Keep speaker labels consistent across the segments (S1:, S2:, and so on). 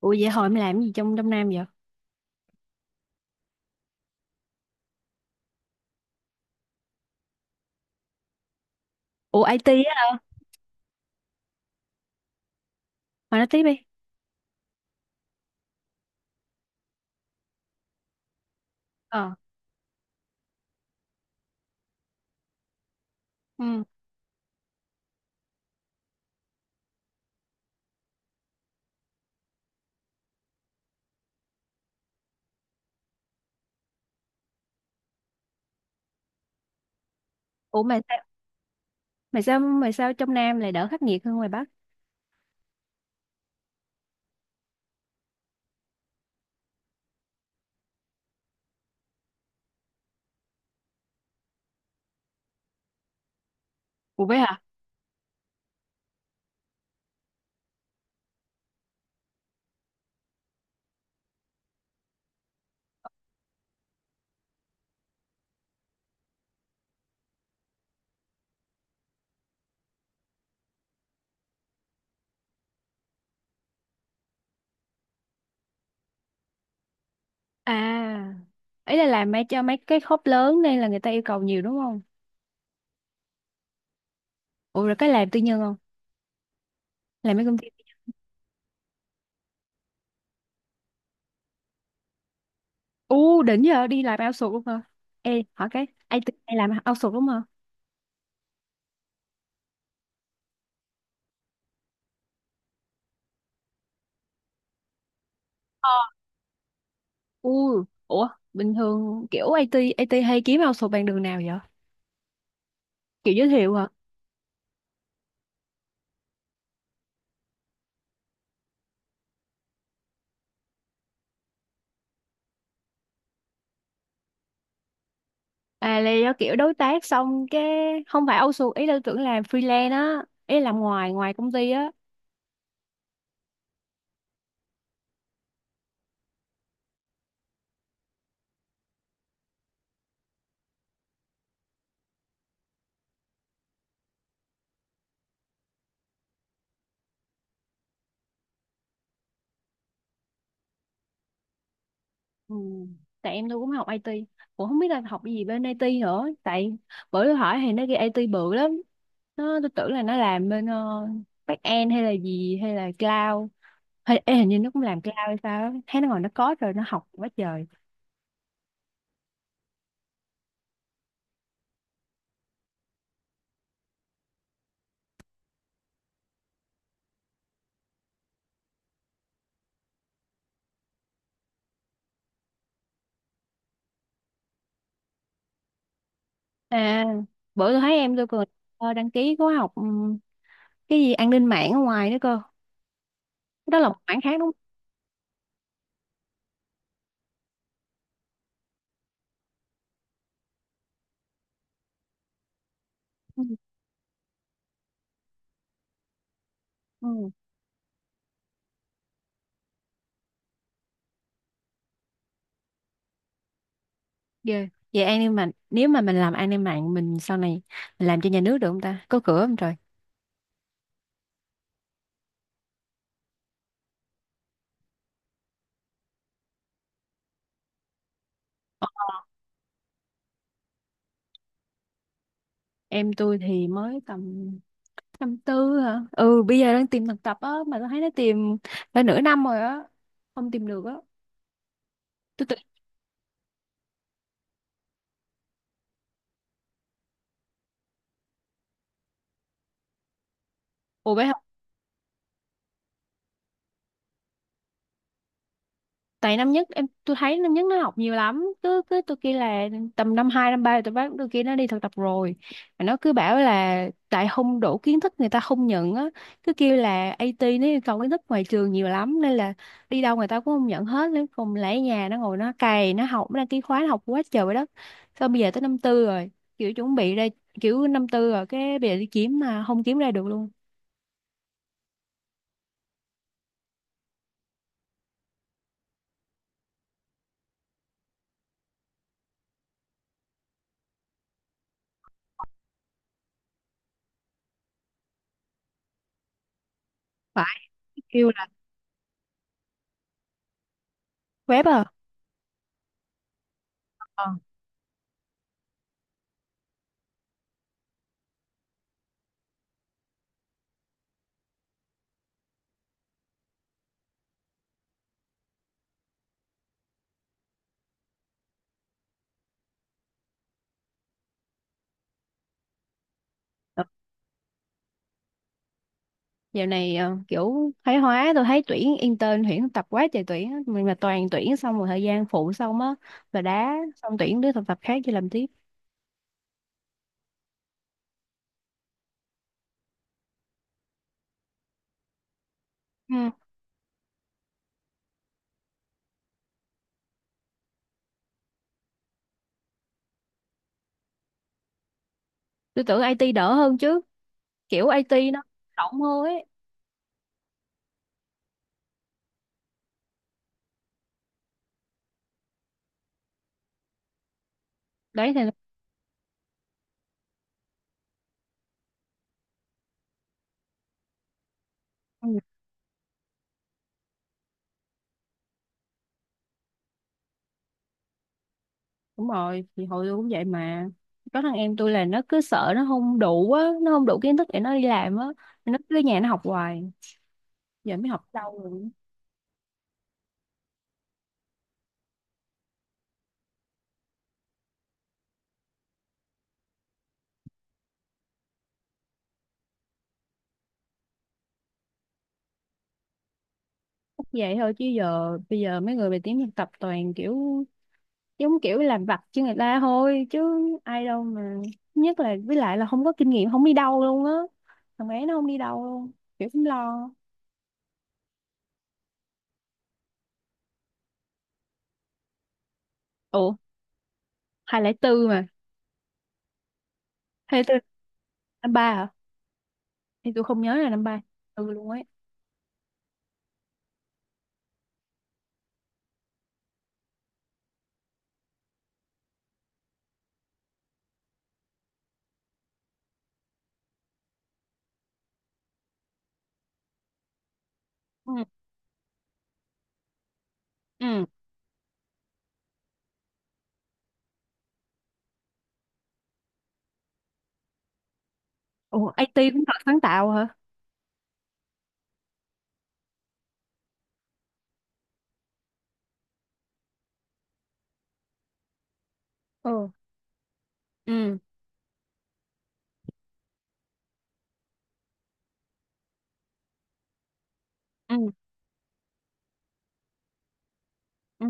S1: Ủa vậy hồi em làm gì trong trong Nam vậy? Ủa IT á, mà nói tiếp đi. Ờ. Ừ. Ủa mà sao trong Nam lại đỡ khắc nghiệt hơn ngoài Bắc? Ủa vậy hả? À. Ý là làm mấy cho mấy cái khớp lớn nên là người ta yêu cầu nhiều đúng không? Ủa rồi cái làm tư nhân không? Làm mấy công ty. U đỉnh giờ đi làm outsource luôn hả? Ê, hỏi cái IT hay làm outsource đúng không? Ờ. Ủa bình thường kiểu IT IT hay kiếm outsource bằng đường nào vậy? Kiểu giới thiệu hả? À là do kiểu đối tác xong cái không phải outsource, ý là tưởng làm freelance á, ý là làm ngoài ngoài công ty á. Ừ. Tại em tôi cũng học IT, cũng không biết là học gì bên IT nữa, tại bữa tôi hỏi thì nó ghi IT bự lắm. Nó tôi tưởng là nó làm bên back end hay là gì hay là cloud, hay ê, hình như nó cũng làm cloud hay sao á. Thấy nó ngồi nó code rồi nó học quá trời. À, bữa tôi thấy em tôi còn đăng ký khóa học cái gì an ninh mạng ở ngoài nữa cơ. Đó là một mảng khác đúng không. Ừ. Ghê. Vậy an ninh mạng nếu mà mình làm an ninh mạng mình sau này mình làm cho nhà nước được không ta? Có cửa không trời? Ờ, em tôi thì mới tầm năm tư hả? Ừ, bây giờ đang tìm thực tập á mà tôi thấy nó tìm phải nửa năm rồi á. Không tìm được á. Tôi tự— Ủa bé hả? Tại năm nhất em tôi thấy năm nhất nó học nhiều lắm, cứ cứ tôi kia là tầm năm hai năm ba tôi bắt tôi kia nó đi thực tập rồi, mà nó cứ bảo là tại không đủ kiến thức người ta không nhận á. Cứ kêu là IT nó yêu cầu kiến thức ngoài trường nhiều lắm nên là đi đâu người ta cũng không nhận hết, nên cùng lại ở nhà nó ngồi nó cày nó học nó đăng ký khóa nó học quá trời vậy đó. Xong bây giờ tới năm tư rồi, kiểu chuẩn bị ra, kiểu năm tư rồi cái bây giờ đi kiếm mà không kiếm ra được luôn. Phải kêu là web à. Ờ. Dạo này kiểu thái hóa tôi thấy tuyển intern tuyển thực tập quá trời tuyển á. Mình mà toàn tuyển xong rồi thời gian phụ xong á là đá, xong tuyển đứa thực tập khác cho làm tiếp. Ừ. Tôi tưởng IT đỡ hơn chứ, kiểu IT nó rộng hơn ấy. Đấy thì ừ, đúng rồi. Thì hồi tôi cũng vậy mà, có thằng em tôi là nó cứ sợ nó không đủ á, nó không đủ kiến thức để nó đi làm á, nó cứ ở nhà nó học hoài, giờ mới học lâu rồi. Chắc vậy thôi chứ giờ bây giờ mấy người về tiếng thực tập toàn kiểu giống kiểu làm vặt cho người ta thôi chứ ai đâu mà, nhất là với lại là không có kinh nghiệm không đi đâu luôn á, thằng bé nó không đi đâu luôn, kiểu cũng lo. Ủa hai lẻ tư mà. Hai lẻ tư. Năm ba hả? Thì tôi không nhớ là năm ba. Ừ luôn ấy. Ừ. Ừ. Ủa IT cũng thật sáng tạo hả? Ừ. Ừ. Ừ. Ừ.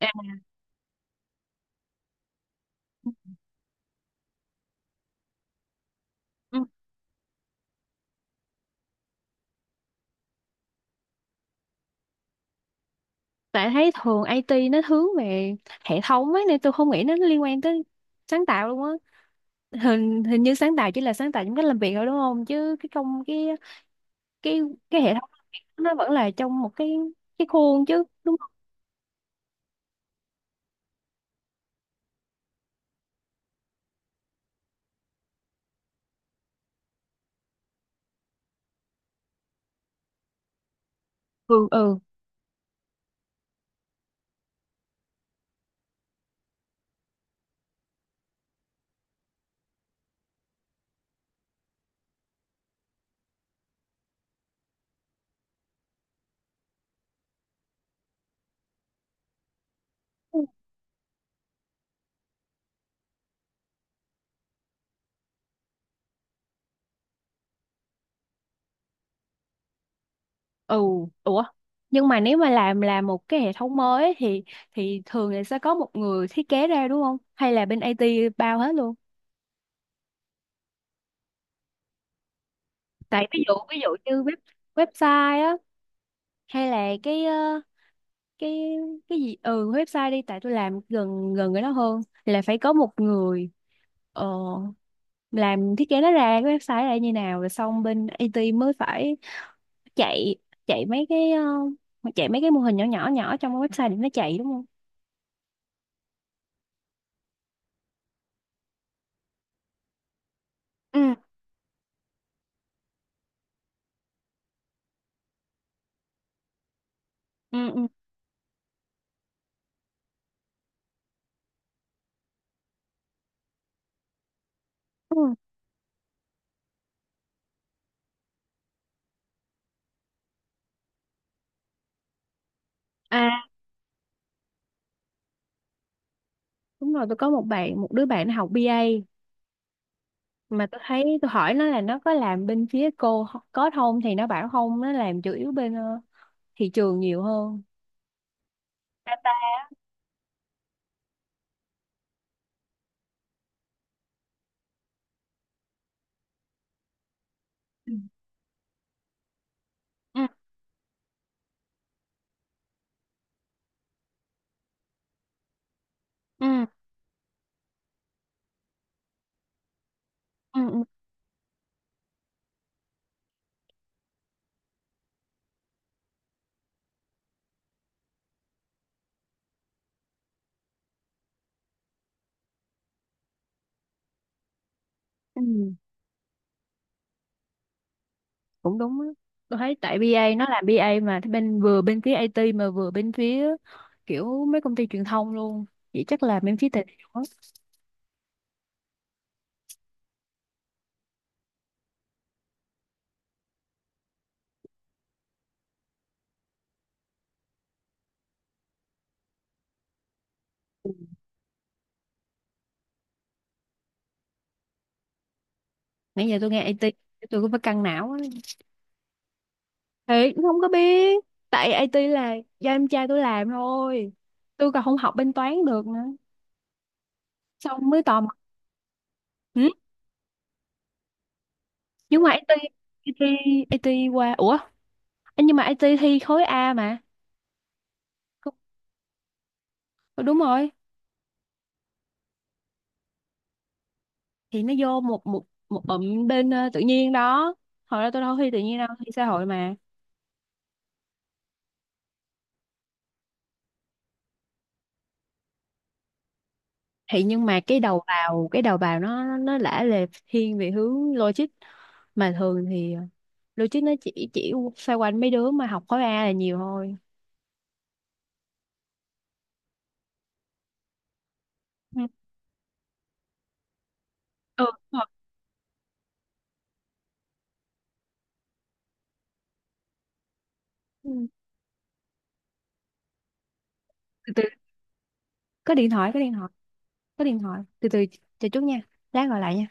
S1: À, ừ. Tại thấy thường IT nó hướng về hệ thống ấy nên tôi không nghĩ nó liên quan tới sáng tạo luôn á. Hình hình như sáng tạo chỉ là sáng tạo trong cách làm việc thôi đúng không, chứ cái công cái cái hệ thống nó vẫn là trong một cái khuôn chứ đúng không? Ừ. Ừ. Ừ. Ủa nhưng mà nếu mà làm là một cái hệ thống mới ấy thì thường là sẽ có một người thiết kế ra đúng không, hay là bên IT bao hết luôn? Tại ví dụ như web, website á, hay là cái cái cái gì, ừ website đi, tại tôi làm gần gần cái đó hơn, là phải có một người ờ, làm thiết kế nó ra cái website là như nào rồi xong bên IT mới phải chạy, chạy mấy cái chạy mấy cái mô hình nhỏ nhỏ nhỏ trong cái website để nó chạy đúng không? Ừ. Ừ. Ừ. Ừ. À đúng rồi, tôi có một bạn một đứa bạn nó học BA, mà tôi thấy tôi hỏi nó là nó có làm bên phía cô có không thì nó bảo không, nó làm chủ yếu bên thị trường nhiều hơn. Data. Ừ. Ừ. Ừ. Ừ. Ừ, ừ. Cũng đúng á, tôi thấy tại BA nó làm BA mà bên vừa bên phía IT mà vừa bên phía kiểu mấy công ty truyền thông luôn. Vậy chắc là bên phía tệ. Nãy giờ tôi nghe IT tôi cũng phải căng não á, thì cũng không có biết, tại IT là do em trai tôi làm thôi, tôi còn không học bên toán được nữa, xong mới tò mò. Ừ? Nhưng mà IT IT IT qua, ủa nhưng mà IT thi khối A mà. Ừ, đúng rồi. Thì nó vô một một một bụm bên tự nhiên đó, hồi đó tôi đâu thi tự nhiên, đâu thi xã hội mà. Thì nhưng mà cái đầu vào, cái đầu vào nó nó lả lề thiên về hướng logic mà thường thì logic nó chỉ xoay quanh mấy đứa mà học khối A là nhiều thôi. Ừ, ừ, đúng rồi. Ừ. Từ từ, có điện thoại, có điện thoại, có điện thoại, từ từ, chờ chút nha, lát gọi lại nha.